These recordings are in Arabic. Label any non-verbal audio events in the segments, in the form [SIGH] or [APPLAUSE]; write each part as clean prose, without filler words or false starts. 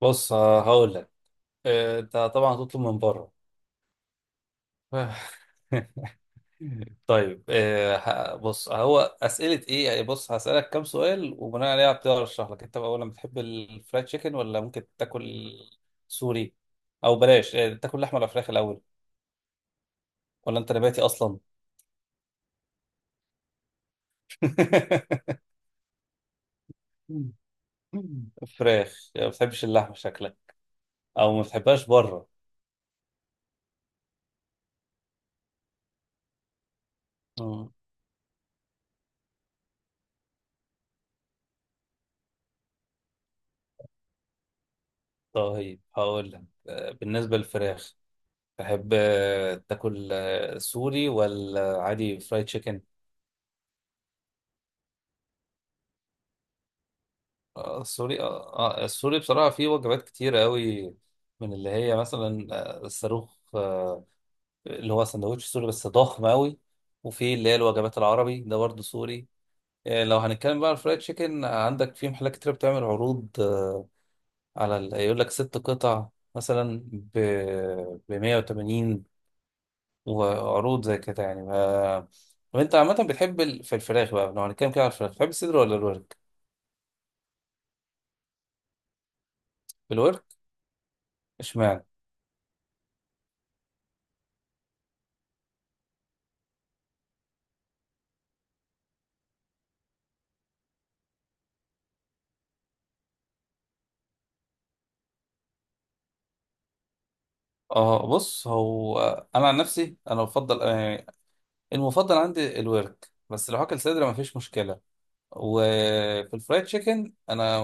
بص، هقول لك. انت طبعا هتطلب من بره. [LAUGHS] طيب، بص، هو اسئله ايه يعني. بص هسالك كام سؤال وبناء عليها هبتدي ارشح لك انت بقى. اولا، بتحب الفرايد تشيكن ولا ممكن تاكل سوري؟ او بلاش، تاكل لحمه ولا فراخ الاول، ولا انت نباتي اصلا؟ [LAUGHS] فراخ. يعني ما بتحبش اللحمه شكلك، او ما بتحبهاش بره؟ [LAUGHS] مم. طيب، هقول لك. بالنسبه للفراخ، تحب تاكل سوري ولا عادي فرايد تشيكن؟ السوري. السوري بصراحة فيه وجبات كتير قوي، من اللي هي مثلا الصاروخ، اللي هو سندوتش سوري بس ضخم قوي. وفي اللي هي الوجبات العربي ده برضه سوري. لو هنتكلم بقى على الفرايد تشيكن، عندك في محلات كتير بتعمل عروض، على يقول لك ست قطع مثلا ب 180، وعروض زي كده يعني ما. طب انت عامة بتحب في الفراخ بقى، لو هنتكلم كده على الفراخ، بتحب الصدر ولا الورك؟ الورك. اشمعنى؟ اه، بص، هو انا عن نفسي انا بفضل، يعني المفضل عندي الورك، بس لو هاكل صدر مفيش مشكلة. وفي الفرايد تشيكن انا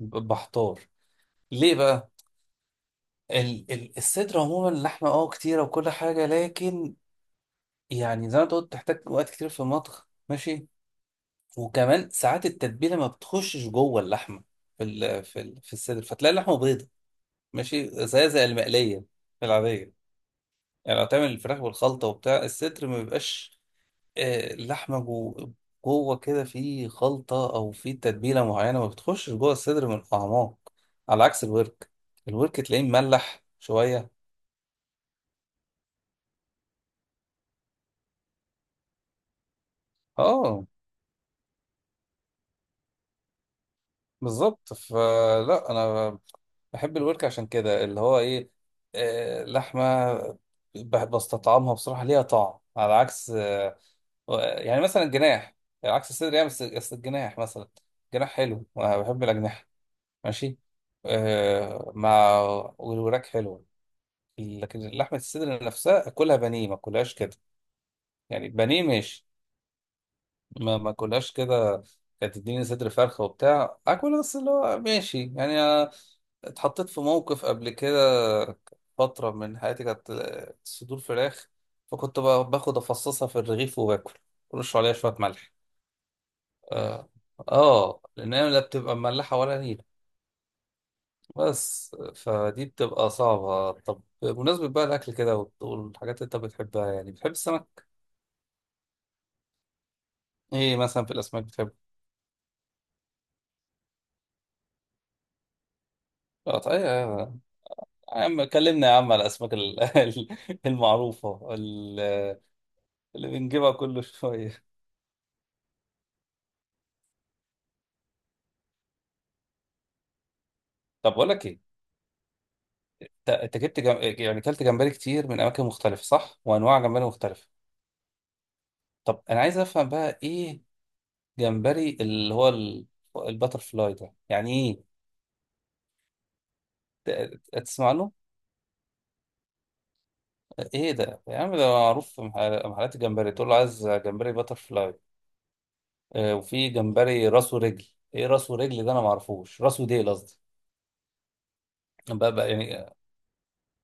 بحتار. ليه بقى؟ الصدر عموما لحمة، اه، كتيرة وكل حاجة، لكن يعني زي ما انت قلت تحتاج وقت كتير في المطبخ، ماشي. وكمان ساعات التتبيله ما بتخشش جوه اللحمه في الصدر، فتلاقي اللحمه بيضه، ماشي، زي المقليه، في العاديه. يعني لو تعمل الفراخ بالخلطه وبتاع، الصدر ما بيبقاش اللحمه جوه كده في خلطه او في تتبيله معينه، ما بتخشش جوه الصدر من الاعماق، على عكس الورك. الورك تلاقيه مملح شويه. اه، بالظبط. فلا، انا بحب الورك عشان كده اللي هو ايه، لحمه بستطعمها بصراحه، ليها طعم، على عكس يعني مثلا الجناح، عكس الصدر يعني. بس الجناح مثلا، جناح حلو وانا بحب الاجنحه، ماشي، مع، والوراك حلوه. لكن لحمه الصدر نفسها اكلها بانيه، ما اكلهاش كده. يعني بانيه ماشي، ما كلهاش كده. كانت تديني صدر فرخة وبتاع اكل، بس اللي هو ماشي يعني. اتحطيت في موقف قبل كده، فترة من حياتي كانت صدور فراخ. فكنت باخد افصصها في الرغيف وباكل، ورش عليها شوية ملح، اه. لان هي لا بتبقى مملحة ولا نيلة، بس فدي بتبقى صعبة. طب بمناسبة بقى الأكل كده والحاجات اللي أنت بتحبها، يعني بتحب السمك؟ إيه مثلا في الأسماك بتحب؟ طيب. يا عم كلمنا يا عم على الاسماك [LAUGHS] المعروفه، اللي بنجيبها كل شويه. طب بقول لك ايه، انت جبت يعني كلت جمبري كتير من اماكن مختلفه، صح؟ وانواع جمبري مختلفه. طب انا عايز افهم بقى، ايه جمبري اللي هو الباتر فلاي ده يعني ايه؟ تسمع له؟ ايه ده يا عم؟ ده معروف في محلات الجمبري، تقول له عايز جمبري باتر فلاي. وفي جمبري راس ورجل. ايه راس ورجل ده؟ انا ما اعرفوش. راس وديل قصدي، بقى يعني.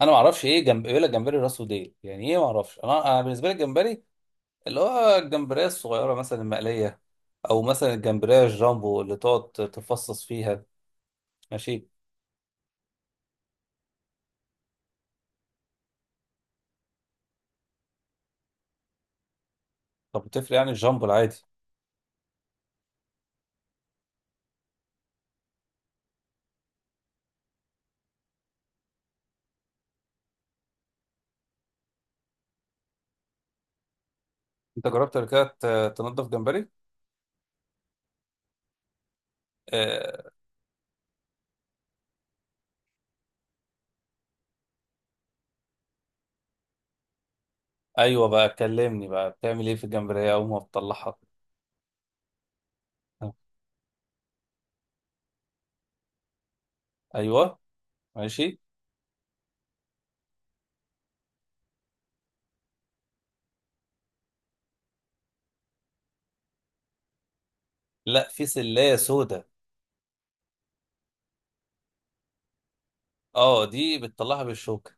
انا ما اعرفش، ايه جنب يقول لك جمبري راسه ديل يعني ايه؟ ما اعرفش. انا بالنسبه لي الجمبري اللي هو الجمبريه الصغيره مثلا المقليه، او مثلا الجمبريه الجامبو اللي تقعد تفصص فيها. ماشي. طب بتفرق يعني الجامبو العادي. انت جربت قبل كده تنضف جمبري؟ آه ايوه بقى. كلمني بقى، بتعمل ايه في الجمبريه اول ما بتطلعها؟ آه، ايوه. ماشي. لا، في سلايه سودا. اه، دي بتطلعها بالشوكه.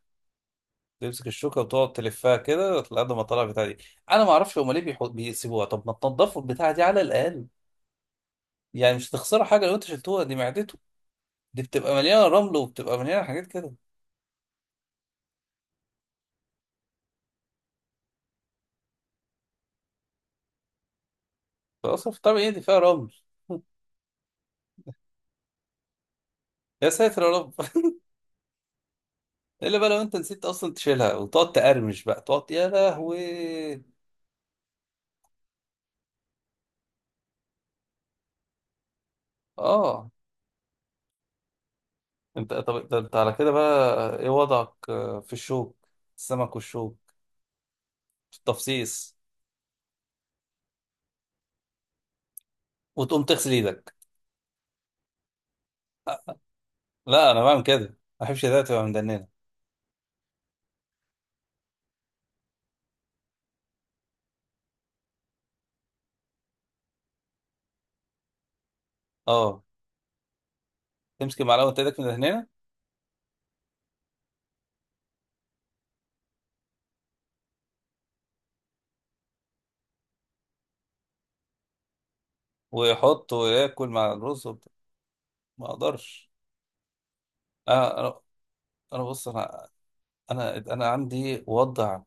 تمسك الشوكه وتقعد تلفها كده لحد ما تطلع البتاع دي. انا ما اعرفش هما ليه بيسيبوها، طب ما تنضفوا البتاع دي على الاقل، يعني مش هتخسروا حاجه لو انت شلتوها، دي معدته. دي بتبقى مليانه رمل وبتبقى مليانه حاجات كده، فاصلا في طبيعي دي فيها رمل. [LAUGHS] يا ساتر يا رب. [LAUGHS] الا بقى لو انت نسيت اصلا تشيلها وتقعد تقرمش بقى، تقعد يا لهوي. اه. انت، طب ده انت على كده بقى، ايه وضعك في الشوك، السمك والشوك، في التفصيص؟ وتقوم تغسل ايدك؟ لا، انا بعمل كده، ما بحبش ايدي تبقى مدننه. اه. تمسك معلقه وتدك من هنا، ويحط وياكل مع الرز وبتاع. ما اقدرش. انا انا أنا بص، انا عندي وضع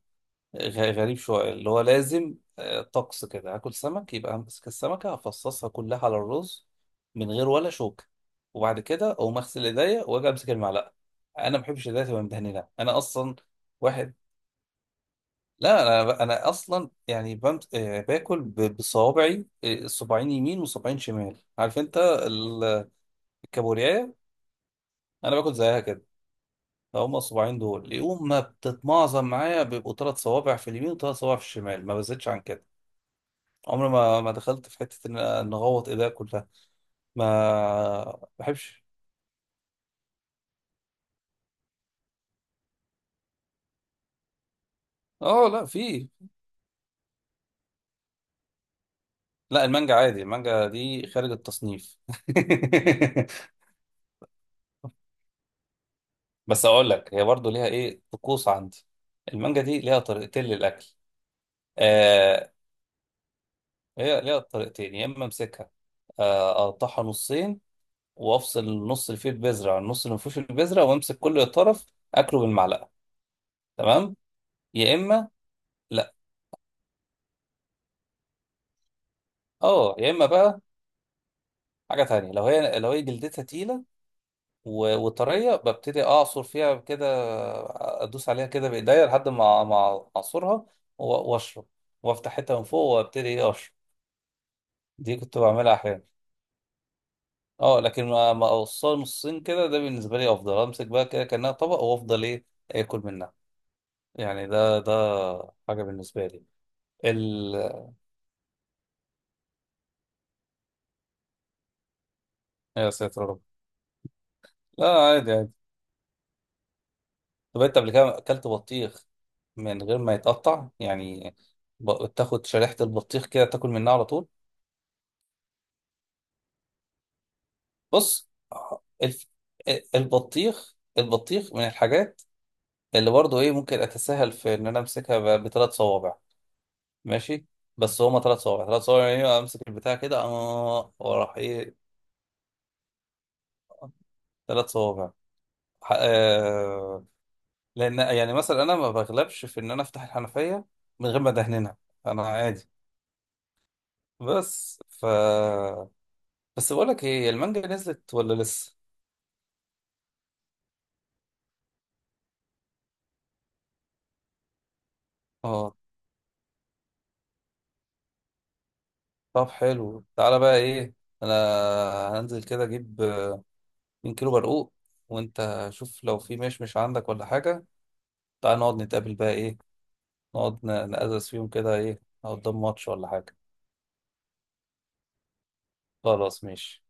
غريب شويه، اللي هو لازم طقس كده، هاكل سمك يبقى همسك السمكه افصصها كلها على الرز، من غير ولا شوكه، وبعد كده اقوم اغسل ايديا واجي امسك المعلقه. انا ما بحبش ايديا تبقى مدهنه انا اصلا. واحد. لا، انا اصلا يعني باكل بصوابعي، صباعين يمين وصباعين شمال، عارف انت؟ كابورياية. انا باكل زيها كده. هما الصباعين دول يقوم ما بتتمعظم معايا، بيبقوا ثلاث صوابع في اليمين وثلاث صوابع في الشمال، ما بزيدش عن كده. عمري ما دخلت في حته ان اغوط ايديا كلها، ما بحبش. اه، لا، في. لا، المانجا عادي، المانجا دي خارج التصنيف. [LAUGHS] بس اقول لك، هي برضو ليها ايه طقوس عندي. المانجا دي ليها طريقتين للاكل. آه هي ليها طريقتين. يا اما امسكها، اقطعها نصين، وافصل النص اللي فيه البذره عن النص اللي ما فيهوش البذره، وامسك كل طرف اكله بالمعلقه، تمام. يا اما، لا، اه، يا اما بقى حاجه تانية، لو هي جلدتها تقيله وطريه، ببتدي اعصر فيها كده، ادوس عليها كده بايديا لحد ما اعصرها، و- واشرب، وافتح حته من فوق وابتدي ايه اشرب. دي كنت بعملها احيانا. اه، لكن ما اوصلها نصين كده، ده بالنسبه لي افضل. امسك بقى كده كانها طبق وافضل ايه اكل منها. يعني ده حاجه بالنسبه لي. أيوة، يا ساتر يا رب. لا، عادي عادي. طب انت قبل كده اكلت بطيخ من غير ما يتقطع يعني، تاخد شريحة البطيخ كده تاكل منها على طول؟ بص، الف... البطيخ من الحاجات اللي برضه ايه ممكن اتساهل في ان انا امسكها بثلاث صوابع. ماشي. بس هما ثلاث صوابع ثلاث صوابع يعني، امسك البتاع كده اه وراح ايه، ثلاث صوابع. ح- آه... لان يعني مثلا انا ما بغلبش في ان انا افتح الحنفية من غير ما ادهنها، انا عادي. بس بس بقول لك ايه، المانجا نزلت ولا لسه؟ اه. طب حلو، تعالى بقى ايه، انا هنزل كده اجيب 2 كيلو برقوق، وانت شوف لو في مشمش عندك ولا حاجه. تعالى نقعد نتقابل بقى ايه، نقعد نقزز فيهم كده، ايه، نقعد قدام ماتش ولا حاجه. خلاص ماشي.